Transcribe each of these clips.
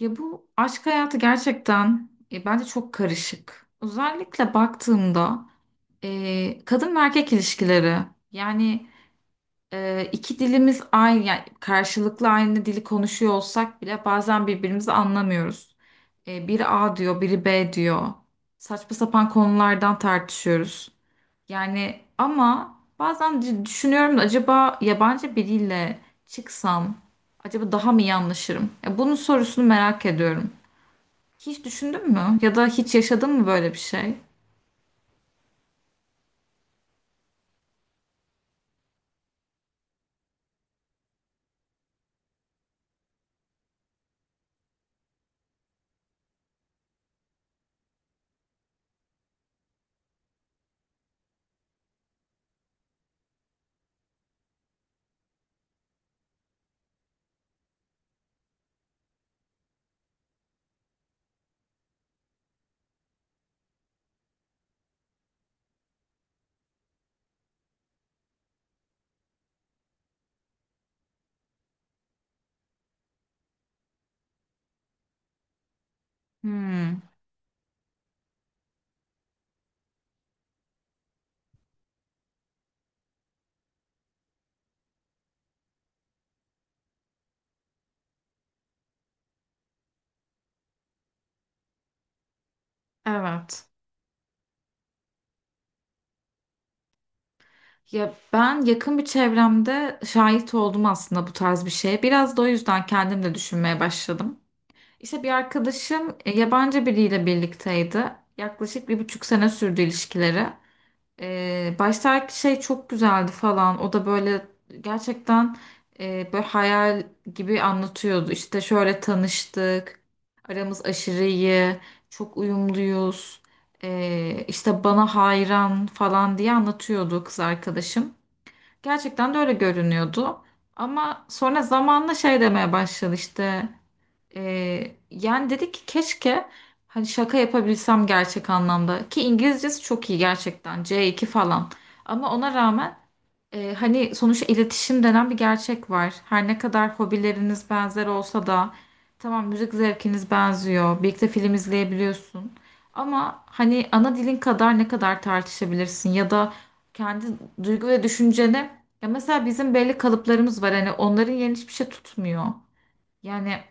Ya bu aşk hayatı gerçekten bence çok karışık. Özellikle baktığımda kadın ve erkek ilişkileri yani iki dilimiz aynı, yani karşılıklı aynı dili konuşuyor olsak bile bazen birbirimizi anlamıyoruz. Biri A diyor, biri B diyor. Saçma sapan konulardan tartışıyoruz. Yani ama bazen düşünüyorum da acaba yabancı biriyle çıksam acaba daha mı iyi anlaşırım? Ya bunun sorusunu merak ediyorum. Hiç düşündün mü? Ya da hiç yaşadın mı böyle bir şey? Hmm, evet. Ya ben yakın bir çevremde şahit oldum aslında bu tarz bir şeye. Biraz da o yüzden kendim de düşünmeye başladım. İşte bir arkadaşım yabancı biriyle birlikteydi. Yaklaşık bir buçuk sene sürdü ilişkileri. Baştaki şey çok güzeldi falan. O da böyle gerçekten böyle hayal gibi anlatıyordu. İşte şöyle tanıştık. Aramız aşırı iyi. Çok uyumluyuz. İşte bana hayran falan diye anlatıyordu kız arkadaşım. Gerçekten de öyle görünüyordu. Ama sonra zamanla şey demeye başladı işte. Yani dedi ki keşke hani şaka yapabilsem gerçek anlamda, ki İngilizcesi çok iyi gerçekten, C2 falan, ama ona rağmen hani sonuçta iletişim denen bir gerçek var. Her ne kadar hobileriniz benzer olsa da, tamam, müzik zevkiniz benziyor, birlikte film izleyebiliyorsun, ama hani ana dilin kadar ne kadar tartışabilirsin ya da kendi duygu ve düşünceni, ya mesela bizim belli kalıplarımız var, hani onların yerini hiçbir şey tutmuyor yani.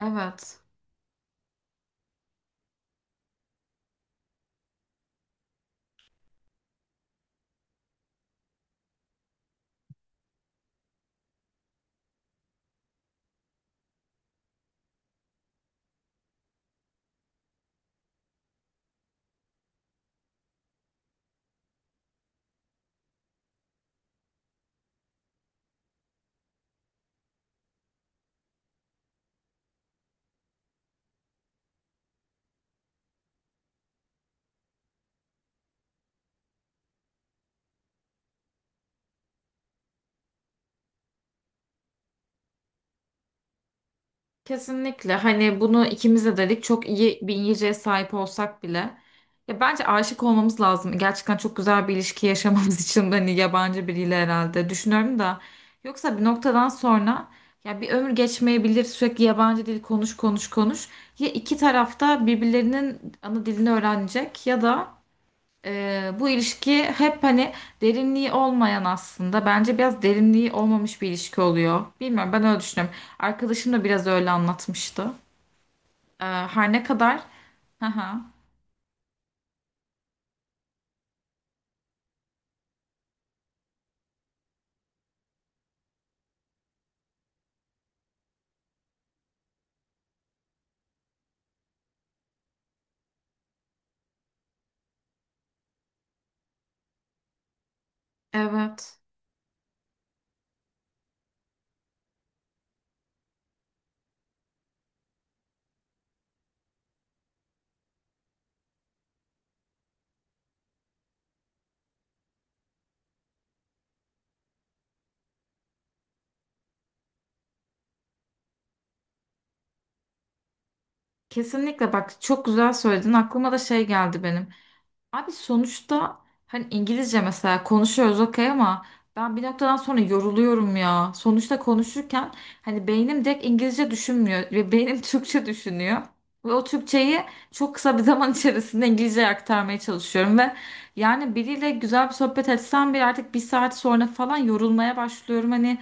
Evet. Kesinlikle, hani bunu ikimiz de dedik, çok iyi bir İngilizceye sahip olsak bile, ya bence aşık olmamız lazım gerçekten çok güzel bir ilişki yaşamamız için de, hani yabancı biriyle, herhalde düşünüyorum da, yoksa bir noktadan sonra ya bir ömür geçmeyebilir, sürekli yabancı dil konuş konuş konuş. Ya iki tarafta birbirlerinin ana dilini öğrenecek ya da bu ilişki hep hani derinliği olmayan, aslında bence biraz derinliği olmamış bir ilişki oluyor. Bilmiyorum, ben öyle düşünüyorum. Arkadaşım da biraz öyle anlatmıştı. Her ne kadar. Hı hı. Evet. Kesinlikle bak, çok güzel söyledin. Aklıma da şey geldi benim. Abi sonuçta hani İngilizce mesela konuşuyoruz, okey, ama ben bir noktadan sonra yoruluyorum ya. Sonuçta konuşurken hani beynim direkt İngilizce düşünmüyor ve beynim Türkçe düşünüyor. Ve o Türkçeyi çok kısa bir zaman içerisinde İngilizceye aktarmaya çalışıyorum ve yani biriyle güzel bir sohbet etsem bile artık bir saat sonra falan yorulmaya başlıyorum. Hani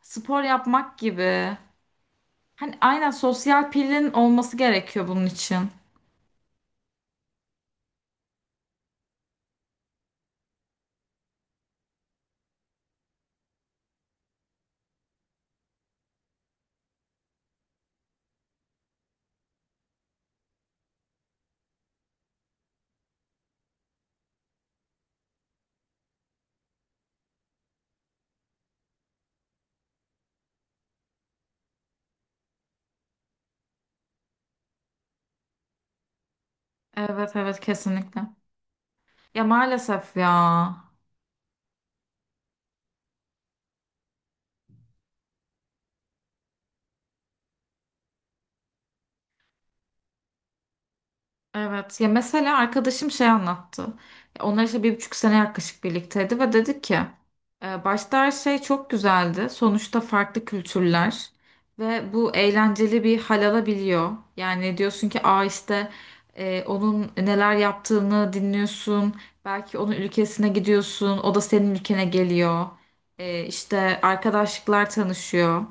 spor yapmak gibi. Hani aynen, sosyal pilin olması gerekiyor bunun için. Evet evet, kesinlikle. Ya maalesef ya. Evet, ya mesela arkadaşım şey anlattı. Onlar işte bir buçuk sene yaklaşık birlikteydi ve dedik ki başta her şey çok güzeldi. Sonuçta farklı kültürler ve bu eğlenceli bir hal alabiliyor. Yani diyorsun ki, aa işte onun neler yaptığını dinliyorsun. Belki onun ülkesine gidiyorsun, o da senin ülkene geliyor. İşte arkadaşlıklar tanışıyor.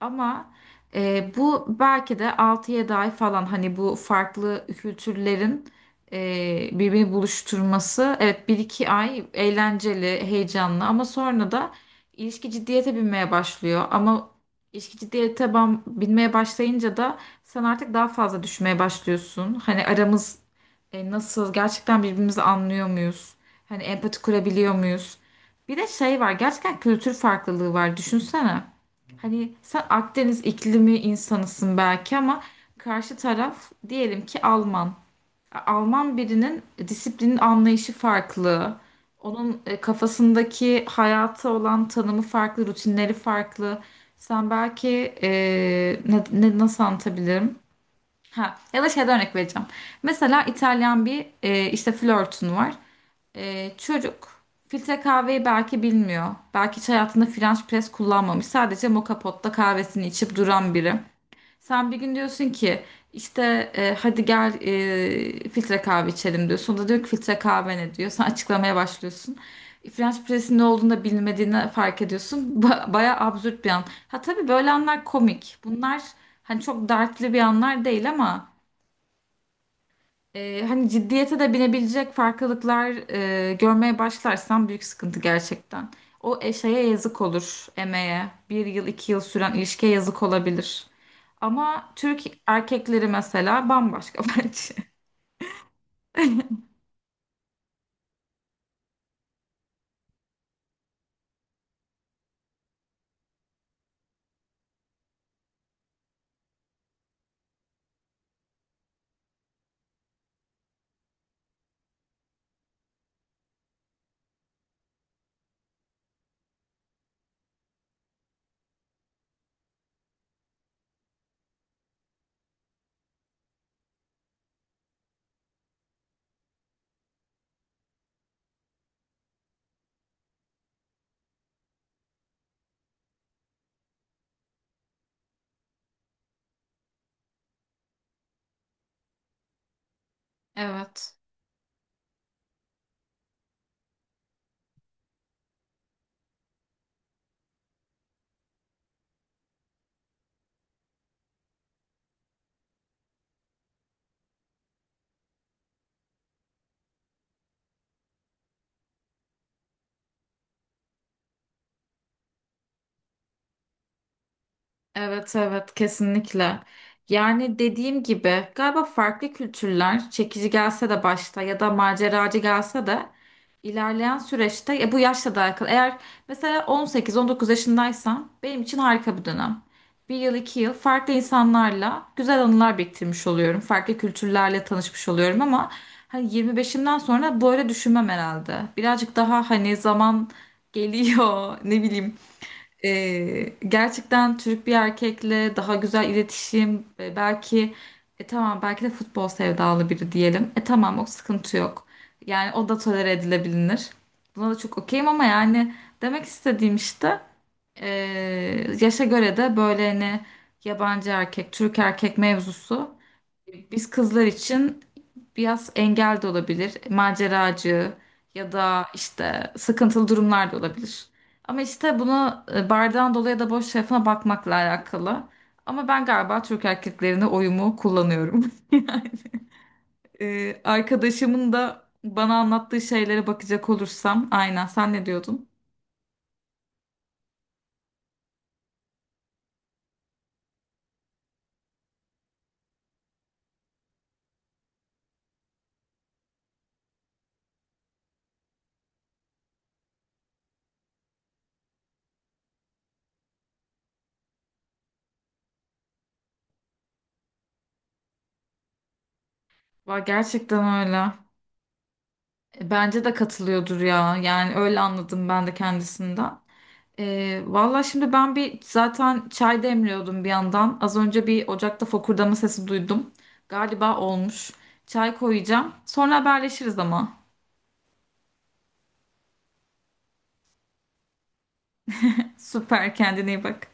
Ama bu belki de altı yedi ay falan, hani bu farklı kültürlerin birbirini buluşturması. Evet, bir iki ay eğlenceli, heyecanlı, ama sonra da ilişki ciddiyete binmeye başlıyor. Ama ilişki ciddiyete binmeye başlayınca da sen artık daha fazla düşmeye başlıyorsun. Hani aramız, nasıl, gerçekten birbirimizi anlıyor muyuz? Hani empati kurabiliyor muyuz? Bir de şey var, gerçekten kültür farklılığı var, düşünsene. Hani sen Akdeniz iklimi insanısın belki, ama karşı taraf diyelim ki Alman. Alman birinin disiplinin anlayışı farklı. Onun kafasındaki hayata olan tanımı farklı, rutinleri farklı. Sen belki ne, nasıl anlatabilirim? Ha, ya da şeyden örnek vereceğim. Mesela İtalyan bir işte flörtün var. Çocuk filtre kahveyi belki bilmiyor. Belki hiç hayatında French press kullanmamış. Sadece moka potta kahvesini içip duran biri. Sen bir gün diyorsun ki işte hadi gel filtre kahve içelim diyorsun. O da diyor ki filtre kahve ne, diyor. Sen açıklamaya başlıyorsun. French press'in ne olduğunu da bilmediğini fark ediyorsun. Bayağı absürt bir an. Ha tabii, böyle anlar komik. Bunlar hani çok dertli bir anlar değil, ama hani ciddiyete de binebilecek farklılıklar görmeye başlarsan, büyük sıkıntı gerçekten. O yazık olur emeğe. Bir yıl, iki yıl süren ilişkiye yazık olabilir. Ama Türk erkekleri mesela bambaşka bence. Evet. Evet evet, kesinlikle. Yani dediğim gibi galiba farklı kültürler çekici gelse de başta, ya da maceracı gelse de, ilerleyen süreçte ya, bu yaşla da alakalı. Eğer mesela 18-19 yaşındaysam, benim için harika bir dönem. Bir yıl iki yıl farklı insanlarla güzel anılar biriktirmiş oluyorum. Farklı kültürlerle tanışmış oluyorum, ama hani 25'imden sonra böyle düşünmem herhalde. Birazcık daha hani zaman geliyor ne bileyim, gerçekten Türk bir erkekle daha güzel iletişim, belki, tamam, belki de futbol sevdalı biri diyelim. E tamam, o sıkıntı yok. Yani o da tolere edilebilir. Buna da çok okeyim, ama yani demek istediğim işte e, yaşa göre de böyle hani yabancı erkek, Türk erkek mevzusu biz kızlar için biraz engel de olabilir. Maceracı ya da işte sıkıntılı durumlar da olabilir. Ama işte bunu bardağın dolu ya da boş tarafına bakmakla alakalı. Ama ben galiba Türk erkeklerine oyumu kullanıyorum. E, arkadaşımın da bana anlattığı şeylere bakacak olursam, aynen, sen ne diyordun? Va, gerçekten öyle. E, bence de katılıyordur ya. Yani öyle anladım ben de kendisinden. Valla şimdi ben bir zaten çay demliyordum bir yandan. Az önce bir ocakta fokurdama sesi duydum. Galiba olmuş. Çay koyacağım. Sonra haberleşiriz ama. Süper, kendine iyi bak.